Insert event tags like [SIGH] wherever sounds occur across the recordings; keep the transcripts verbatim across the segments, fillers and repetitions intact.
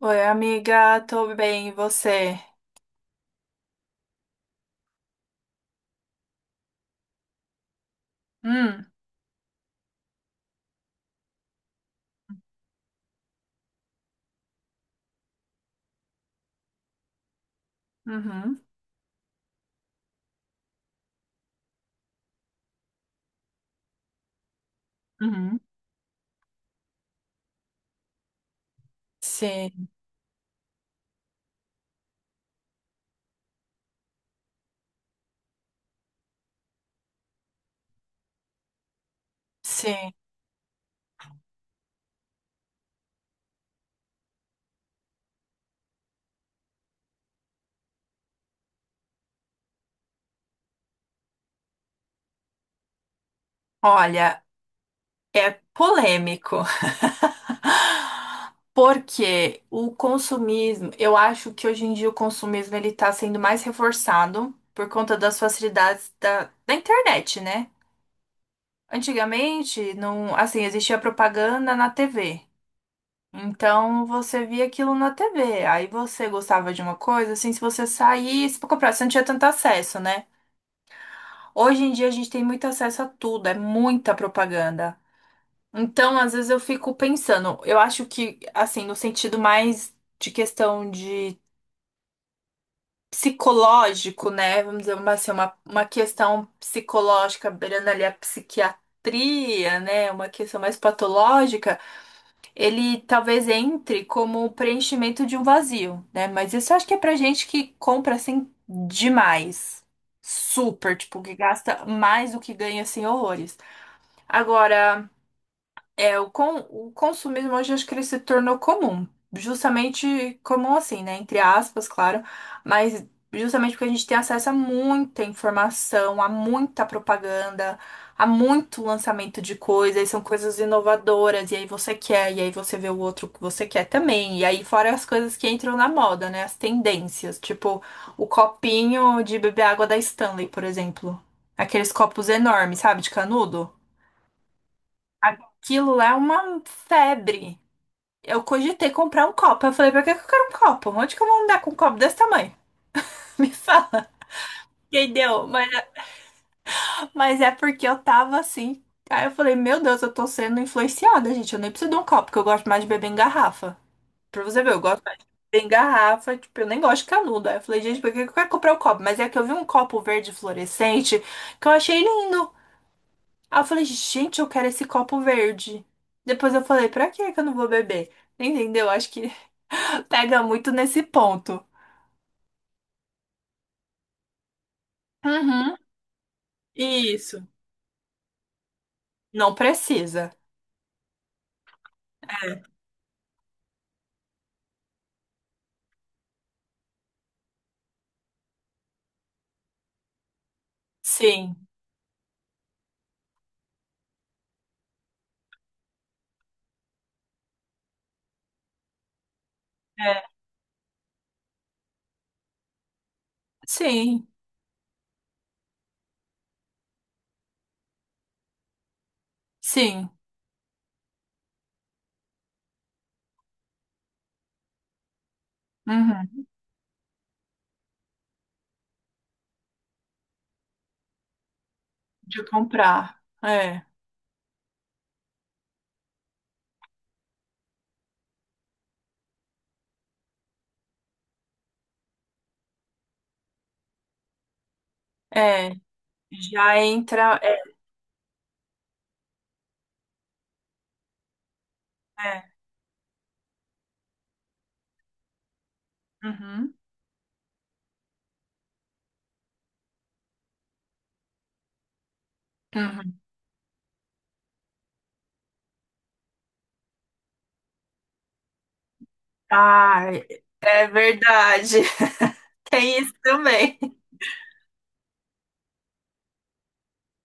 Oi, amiga, tô bem, e você? Hum, uhum, uhum. Sim, sim. Olha, é polêmico, [LAUGHS] porque o consumismo, eu acho que hoje em dia o consumismo ele tá sendo mais reforçado por conta das facilidades da, da internet, né? Antigamente, não, assim, existia propaganda na T V. Então você via aquilo na T V. Aí você gostava de uma coisa, assim, se você saísse pra comprar, você não tinha tanto acesso, né? Hoje em dia a gente tem muito acesso a tudo, é muita propaganda. Então, às vezes eu fico pensando, eu acho que, assim, no sentido mais de questão de psicológico, né? Vamos dizer uma- assim, uma, uma questão psicológica, beirando ali a psiquiatria, né? Uma questão mais patológica, ele talvez entre como o preenchimento de um vazio, né? Mas isso eu acho que é pra gente que compra, assim, demais. Super, tipo, que gasta mais do que ganha, assim, horrores. Agora, é, o, con o consumismo hoje acho que ele se tornou comum. Justamente comum assim, né? Entre aspas, claro. Mas justamente porque a gente tem acesso a muita informação, a muita propaganda, a muito lançamento de coisas, e são coisas inovadoras, e aí você quer, e aí você vê o outro que você quer também. E aí fora as coisas que entram na moda, né? As tendências, tipo o copinho de beber água da Stanley, por exemplo. Aqueles copos enormes, sabe? De canudo. Aquilo lá é uma febre. Eu cogitei comprar um copo. Eu falei, pra que que eu quero um copo? Onde que eu vou andar com um copo desse tamanho? [LAUGHS] Me fala. Entendeu? Mas, mas é porque eu tava assim. Aí eu falei, meu Deus, eu tô sendo influenciada, gente. Eu nem preciso de um copo, porque eu gosto mais de beber em garrafa. Pra você ver, eu gosto mais de beber em garrafa. Tipo, eu nem gosto de canudo. Aí eu falei, gente, por que que eu quero comprar um copo? Mas é que eu vi um copo verde fluorescente que eu achei lindo. Aí eu falei, gente, eu quero esse copo verde. Depois eu falei, pra que que eu não vou beber? Entendeu? Acho que [LAUGHS] pega muito nesse ponto. Uhum. Isso. Não precisa. É. Sim. É. Sim. Sim. Uhum. De comprar. É. É. Já entra. É. É. Uhum. Uhum. Ai, é verdade. [LAUGHS] Tem isso também.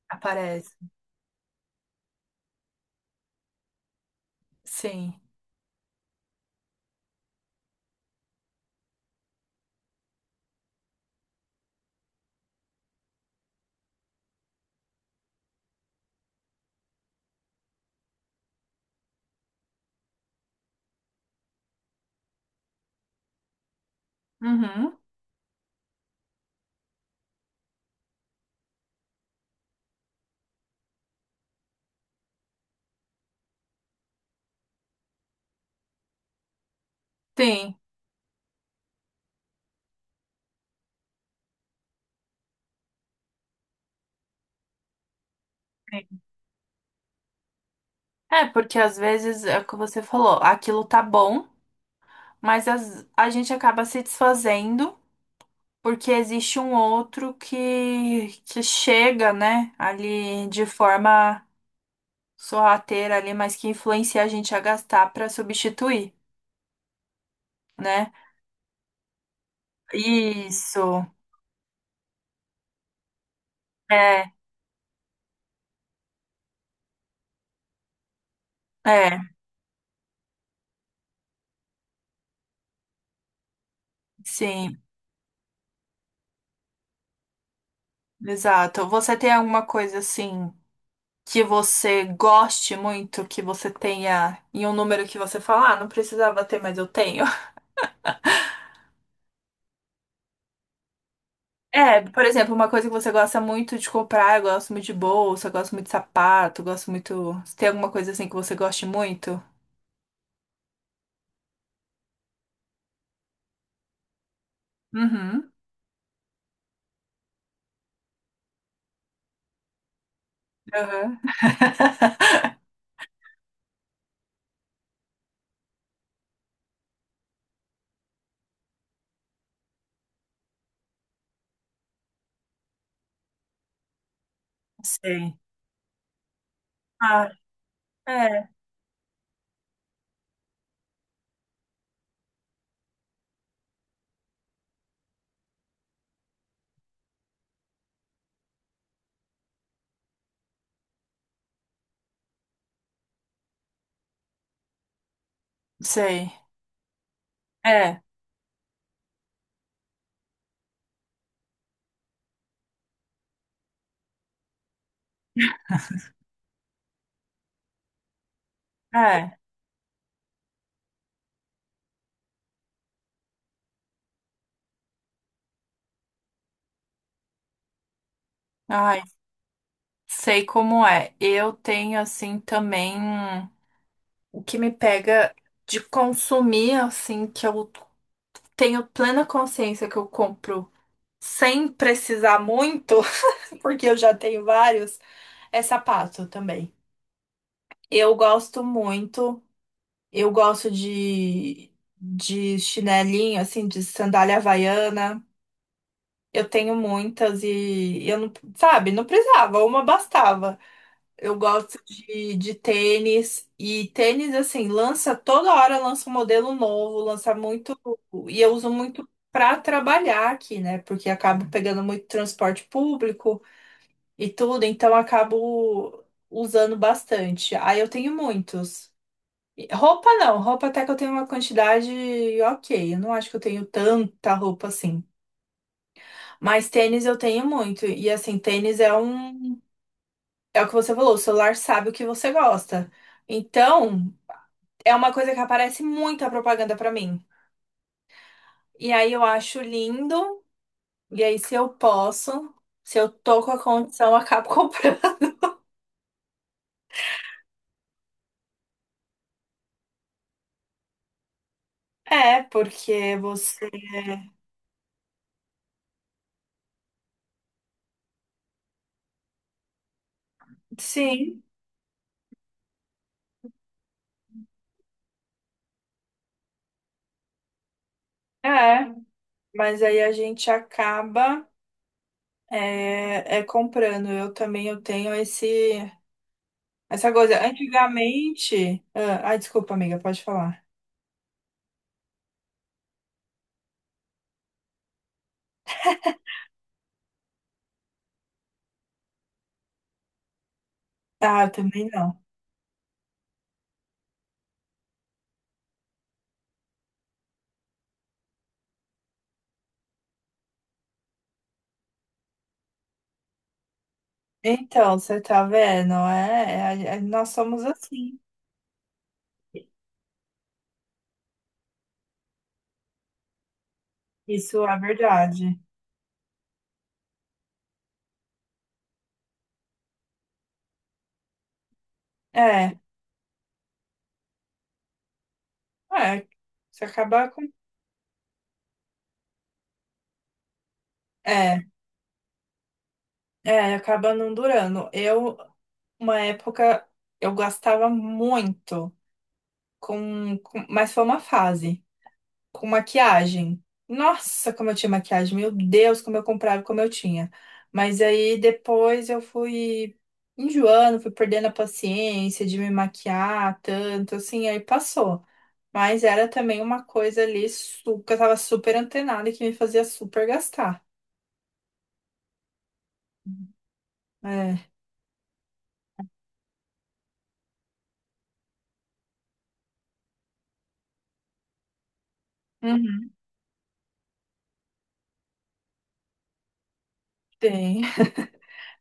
Aparece. Sim. Uhum. Sim. É, porque às vezes é o que você falou, aquilo tá bom, mas as- a gente acaba se desfazendo porque existe um outro que, que chega, né, ali de forma sorrateira ali, mas que influencia a gente a gastar pra substituir, né? Isso. É, é, sim, exato. Você tem alguma coisa assim que você goste muito, que você tenha em um número que você fala, ah, não precisava ter, mas eu tenho? É, por exemplo, uma coisa que você gosta muito de comprar, eu gosto muito de bolsa, eu gosto muito de sapato, eu gosto muito. Tem alguma coisa assim que você goste muito? Uhum. Aham. Sei. Ah, é. Sei. É, é. Ai, sei como é. Eu tenho assim também o que me pega de consumir assim que eu tenho plena consciência que eu compro sem precisar muito, [LAUGHS] porque eu já tenho vários, é sapato também. Eu gosto muito. Eu gosto de, de chinelinho, assim, de sandália havaiana. Eu tenho muitas e eu não, sabe, não precisava, uma bastava. Eu gosto de, de tênis e tênis, assim, lança toda hora, lança um modelo novo, lança muito. E eu uso muito para trabalhar aqui, né? Porque acabo pegando muito transporte público e tudo, então acabo usando bastante. Aí eu tenho muitos. Roupa não, roupa até que eu tenho uma quantidade ok. Eu não acho que eu tenho tanta roupa assim. Mas tênis eu tenho muito. E assim, tênis é um. É o que você falou, o celular sabe o que você gosta. Então, é uma coisa que aparece muita propaganda pra mim. E aí eu acho lindo. E aí, se eu posso, se eu tô com a condição, eu acabo [LAUGHS] comprando. É, porque você. Sim, é. Mas aí a gente acaba. É, é comprando. Eu também eu tenho esse essa coisa. Antigamente, ah, ai, desculpa, amiga, pode falar. Ah, eu também não. Então, você tá vendo? É, é- é- nós somos assim. Isso é verdade. É, é, se acabar com é, é, acaba não durando. Eu, uma época, eu gastava muito com, com, mas foi uma fase. Com maquiagem. Nossa, como eu tinha maquiagem, meu Deus, como eu comprava, como eu tinha. Mas aí depois eu fui enjoando, fui perdendo a paciência de me maquiar tanto, assim, aí passou. Mas era também uma coisa ali su- que eu tava super antenada e que me fazia super gastar. É, uhum, tem.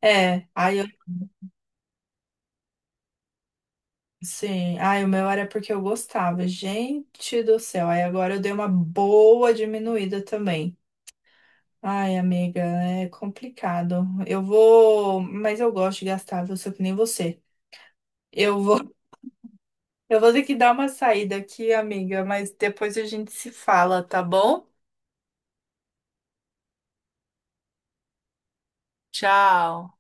É, aí eu, sim, aí o meu era porque eu gostava. Gente do céu, aí agora eu dei uma boa diminuída também. Ai, amiga, é complicado. Eu vou, mas eu gosto de gastar, viu? Sou que nem você. Eu vou, [LAUGHS] eu vou ter que dar uma saída aqui, amiga, mas depois a gente se fala, tá bom? Tchau.